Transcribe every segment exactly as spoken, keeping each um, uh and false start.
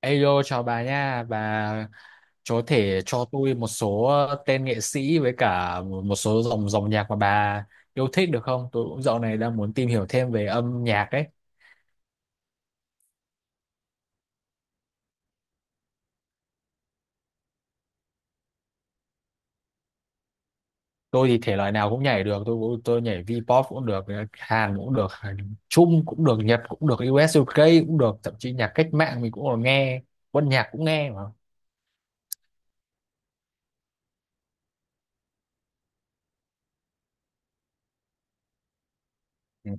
Ayo chào bà nha, bà có thể cho tôi một số tên nghệ sĩ với cả một số dòng dòng nhạc mà bà yêu thích được không? Tôi cũng dạo này đang muốn tìm hiểu thêm về âm nhạc ấy. Tôi thì thể loại nào cũng nhảy được, tôi cũng- tôi nhảy V-pop cũng được, Hàn cũng được, Trung cũng được, Nhật cũng được, u ét u ca cũng được, thậm chí nhạc cách mạng mình cũng còn nghe, quân nhạc cũng nghe mà.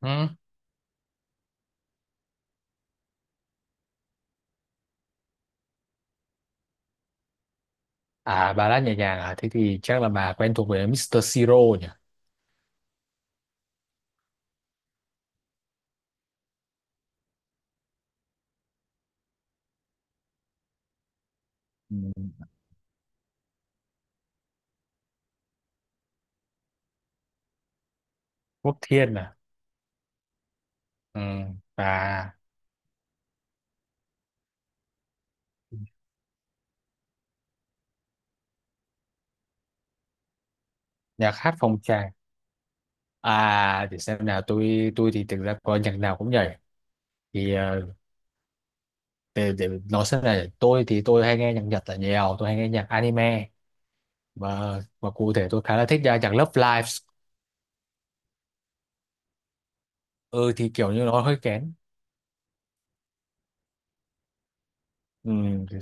Ừ. À bà đã nhẹ nhàng à? Thế thì chắc là bà quen thuộc với mít-tơ Siro nhỉ? Ừ. Quốc Thiên à? Ừ, bà. Nhạc hát phong trào, à để xem nào tôi tôi thì thực ra có nhạc nào cũng nhảy thì ờ, để, để nói xem này, tôi thì tôi hay nghe nhạc Nhật là nhiều, tôi hay nghe nhạc anime, và và cụ thể tôi khá là thích nhạc nhạc Love Live. Ừ thì kiểu như nó hơi kén. Ừ, thì-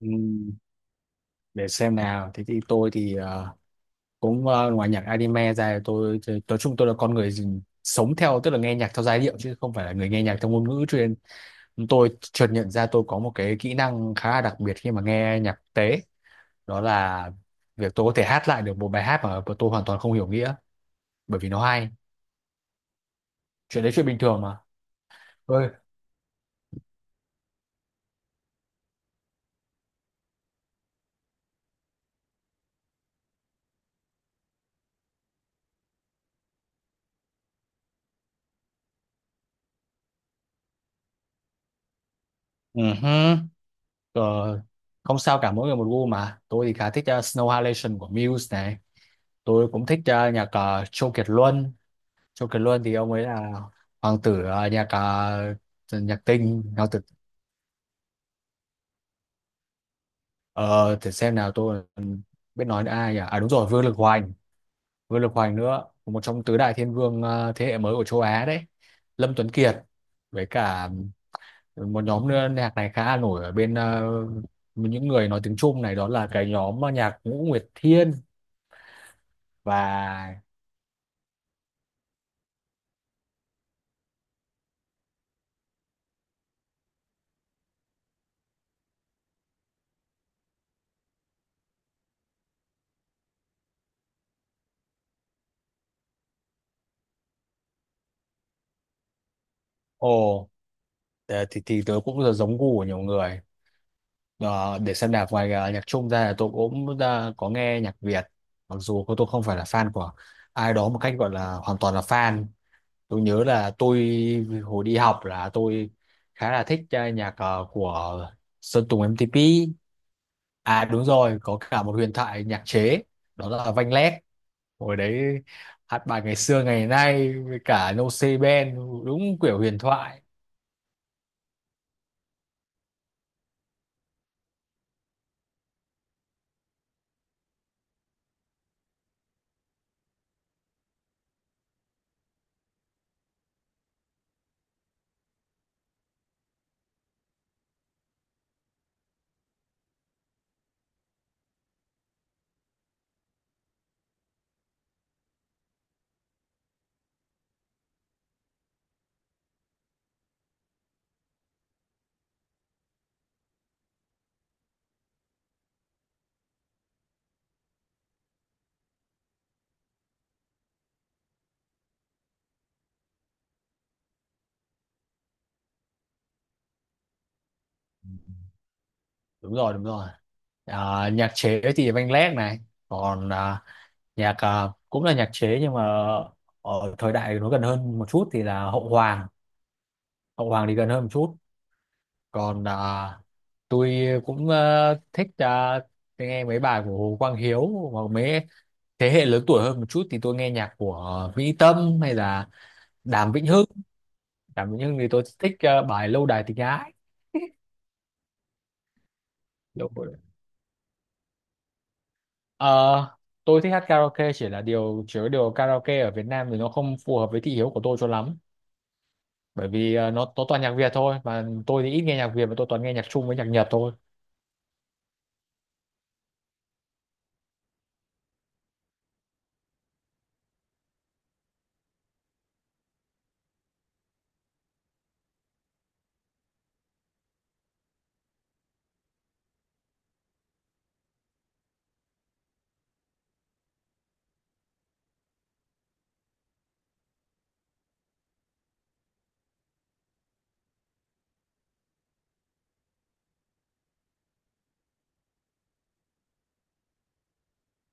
ừ, để xem nào. Thế thì tôi thì ờ, cũng ờ, ngoài nhạc anime ra, tôi tôi- nói chung tôi là con người gì- sống theo, tức là nghe nhạc theo giai điệu chứ không phải là người nghe nhạc theo ngôn ngữ chuyên. Tôi chợt nhận ra tôi có một cái kỹ năng khá là đặc biệt khi mà nghe nhạc quốc tế, đó là việc tôi có thể hát lại được một bài hát mà tôi hoàn toàn không hiểu nghĩa bởi vì nó hay. Chuyện đấy chuyện bình thường mà. Ơi. Ừ hứ. Ờ, không sao cả, mỗi người một gu mà. Tôi thì khá thích ờ, Snow Halation của Muse này, tôi cũng thích ờ, nhạc ờ, Châu Kiệt Luân. Châu Kiệt Luân thì ông ấy là hoàng tử ờ, nhạc ờ, nhạc tinh, hoàng tử. ờ, để xem nào, tôi còn biết nói đến ai nhỉ? À đúng rồi, Vương Lực Hoành. Vương Lực Hoành nữa, một trong tứ đại thiên vương ờ, thế hệ mới của châu Á đấy. Lâm Tuấn Kiệt, với cả một nhóm nữa nhạc này khá là nổi ở bên ờ, những người nói tiếng Trung này, đó là cái nhóm ờ, nhạc Ngũ Nguyệt Thiên. Và ồ. Ờ, thì, thì tớ cũng giống gu của nhiều người. Ờ, để xem nhạc ngoài ờ, nhạc Trung ra là tôi cũng ờ, có nghe nhạc Việt, mặc dù cô- tôi không phải là fan của ai đó một cách gọi là hoàn toàn là fan. Tôi nhớ là tôi hồi đi học là tôi khá là thích ờ, nhạc ờ, của Sơn Tùng em tê pê. À đúng rồi, có cả một huyền thoại nhạc chế, đó là Vanh Leg. Hồi đấy hát bài ngày xưa ngày nay với cả No Say Band, đúng kiểu huyền thoại. Đúng rồi, đúng rồi. Ờ, nhạc chế thì Văn Lét này, còn ờ, nhạc ờ, cũng là nhạc chế nhưng mà ở thời đại nó gần hơn một chút thì là Hậu Hoàng. Hậu Hoàng thì gần hơn một chút. Còn ờ, tôi cũng ờ, thích ờ, nghe mấy bài của Hồ Quang Hiếu, hoặc mấy thế hệ lớn tuổi hơn một chút thì tôi nghe nhạc của Vĩ Tâm hay là Đàm Vĩnh Hưng. Đàm Vĩnh Hưng thì tôi thích ờ, bài Lâu Đài Tình Ái. Ờ, tôi thích hát karaoke, chỉ là điều chứa điều karaoke ở Việt Nam thì nó không phù hợp với thị hiếu của tôi cho lắm bởi vì ờ, nó nó toàn nhạc Việt thôi, mà tôi thì ít nghe nhạc Việt và tôi toàn nghe nhạc Trung với nhạc Nhật thôi.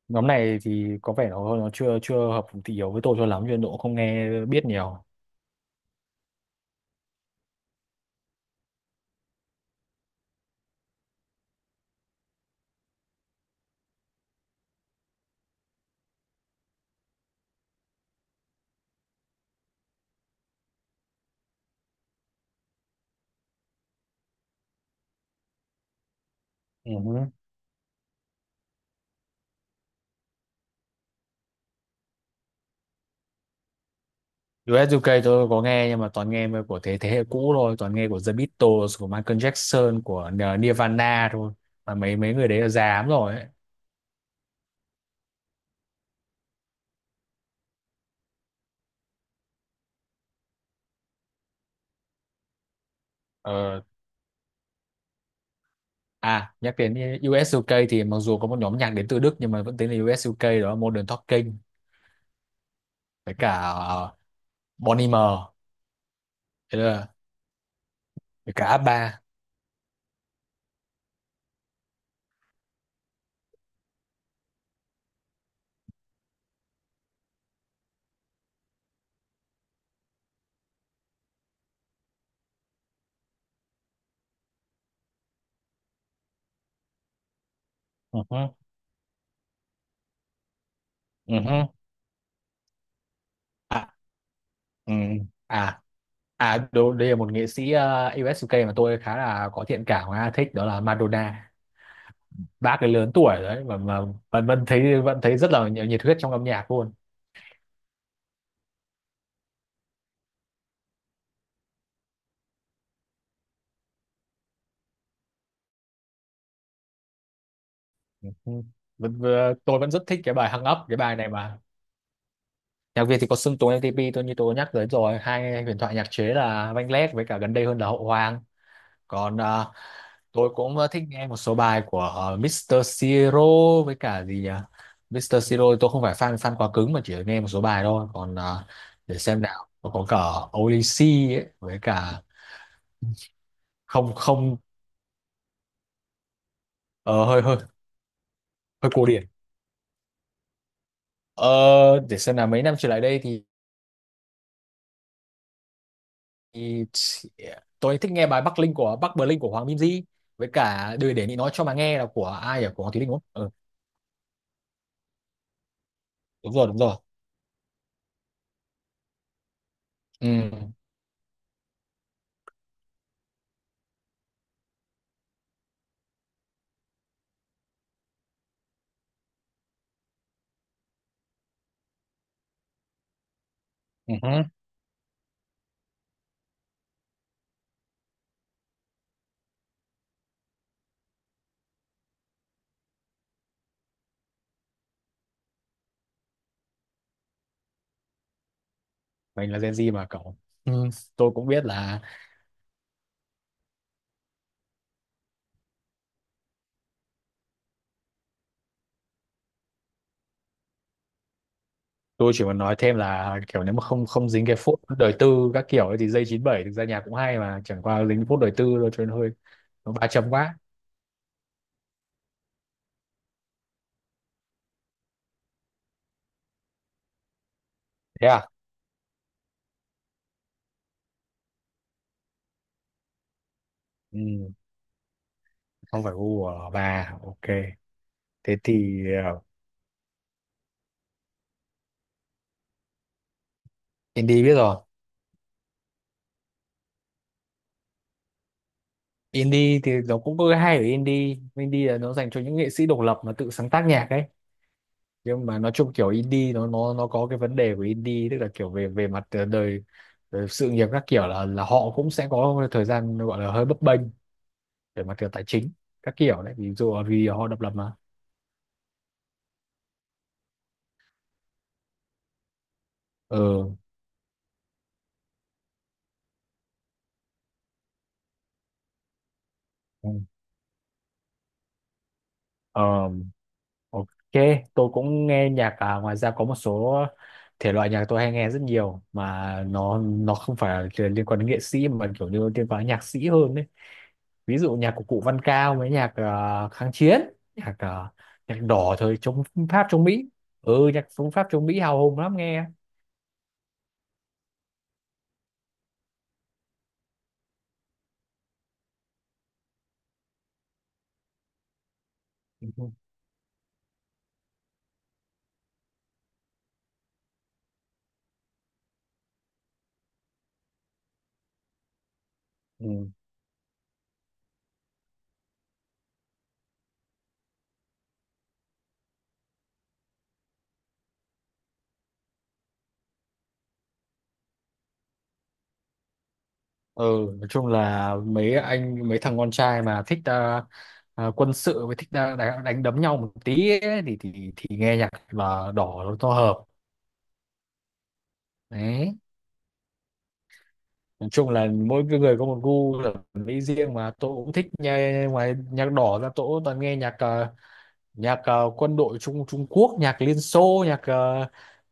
Nhóm này thì có vẻ nó nó chưa chưa hợp thị hiếu với tôi cho lắm cho nên tôi cũng không nghe biết nhiều. Ừ hứ. U UK tôi có nghe nhưng mà toàn nghe mà của thế thế hệ cũ thôi, toàn nghe của The Beatles, của Michael Jackson, của Nirvana thôi, mà mấy mấy người đấy là già lắm rồi ấy. Ờ. À, nhắc đến u ét u ca thì mặc dù có một nhóm nhạc đến từ Đức nhưng mà vẫn tính là u ét u ca, đó là Modern Talking, với cả uh, Bon Iver, đấy là- với cả a ba. Ừ hứ, ừ hứ. À, ừ. à, à đồ- đây là một nghệ sĩ uh, u ét u ca mà tôi khá là có thiện cảm và thích, đó là Madonna. Bác ấy lớn tuổi đấy mà mà vẫn vẫn thấy vẫn thấy rất là nhiệt nhiệt huyết trong âm nhạc luôn. Ừ. Vẫn, vừa- tôi vẫn rất thích cái bài Hung Up, cái bài này mà. Nhạc Việt thì có Sơn Tùng em ti pi tôi như tôi nhắc tới rồi, hai huyền thoại nhạc chế là Vanh Leg với cả gần đây hơn là Hậu Hoàng. Còn à, tôi cũng ờ, thích nghe một số bài của ờ, mít-tơ Siro, với cả gì nhỉ, mít-tơ Siro tôi không phải fan fan quá cứng mà chỉ nghe một số bài thôi. Còn ờ, để xem nào, có cả Odyssey ấy, với cả không không. Ờ, hơi Hơi hơi cổ điển. Ờ, để xem là mấy năm trở lại đây thì thì tôi thích nghe bài Bắc Linh của Bắc Bling của Hoàng Kim Di, với cả đời để Nị nói cho mà nghe là của ai, ở của Hoàng Thùy Linh đúng không? Ừ, đúng rồi đúng rồi. Ừ ừ hứ. Mình là Gen Z mà cậu. Ừ. Tôi cũng biết là tôi chỉ muốn nói thêm là kiểu nếu mà không không dính cái phốt đời tư các kiểu ấy thì dây chín bảy thực ra nhạc cũng hay, mà chẳng qua dính phốt đời tư thôi cho nên hơi nó ba chấm quá. Thế à? Ừ, không phải gu của bà. Ok. Thế thì ờ, Indy biết rồi. Indie thì nó cũng có cái hay ở indie, indie là nó dành cho những nghệ sĩ độc lập mà tự sáng tác nhạc ấy, nhưng mà nói chung kiểu indie nó nó nó có cái vấn đề của indie, tức là kiểu về về mặt ờ, đời, đời sự nghiệp các kiểu là là họ cũng sẽ có thời gian gọi là hơi bấp bênh về mặt kiểu tài chính các kiểu đấy, ví dụ là vì họ độc lập mà. Ừ. ừ. Ờ, ok, tôi cũng nghe nhạc à, ngoài ra có một số thể loại nhạc tôi hay nghe rất nhiều mà nó nó không phải là liên quan đến nghệ sĩ mà kiểu như liên quan đến nhạc sĩ hơn ấy. Ví dụ nhạc của cụ Văn Cao với nhạc ờ, kháng chiến, nhạc ờ, nhạc đỏ thời chống Pháp chống Mỹ. Ừ nhạc chống Pháp chống Mỹ hào hùng lắm nghe. Ừ. Ừ. Ừ, nói chung là mấy anh mấy thằng con trai mà thích ờ, ờ, quân sự với thích ờ, đánh, đánh đấm nhau một tí ấy, thì thì thì nghe nhạc là đỏ nó to hợp đấy. Nói chung là mỗi cái người có một gu thẩm mỹ riêng mà. Tôi cũng thích nghe, ngoài nhạc đỏ ra tôi cũng toàn nghe nhạc ờ, nhạc ờ, quân đội Trung Trung Quốc, nhạc Liên Xô, nhạc ờ,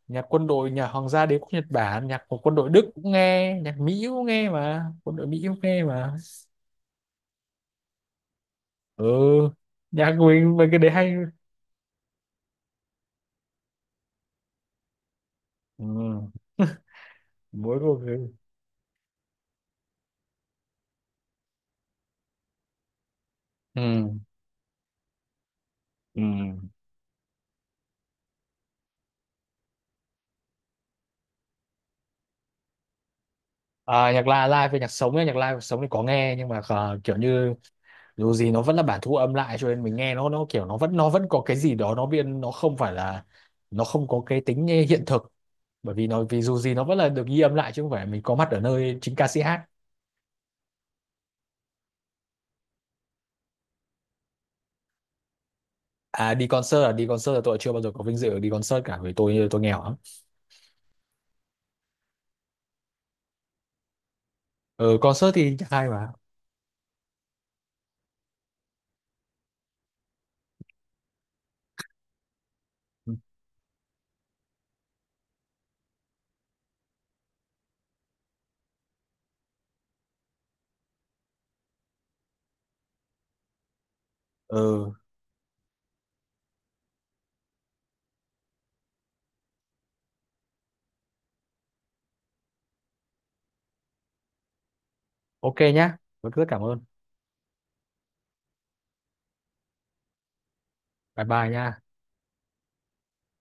nhạc quân đội nhà Hoàng gia Đế quốc Nhật Bản, nhạc của quân đội Đức cũng nghe, nhạc Mỹ cũng nghe mà, quân đội Mỹ cũng nghe mà. Ừ, nhạc của mình mấy cái đấy hay. Ừ. Mỗi một cái. Ừ. Ừ. À, nhạc live live về nhạc sống ấy, nhạc live và sống thì có nghe nhưng mà ờ, kiểu như dù gì nó vẫn là bản thu âm lại cho nên mình nghe nó nó kiểu nó vẫn nó vẫn có cái gì đó nó biên, nó không phải là nó không có cái tính hiện thực, bởi vì nó vì dù gì nó vẫn là được ghi âm lại chứ không phải mình có mặt ở nơi chính ca sĩ hát. À đi concert à đi concert là tôi chưa bao giờ có vinh dự đi concert cả, vì tôi tôi nghèo lắm. Ừ concert thì hay mà. Ừ. Ừ, ok nhá, rất rất cảm ơn. Bye bye nhá.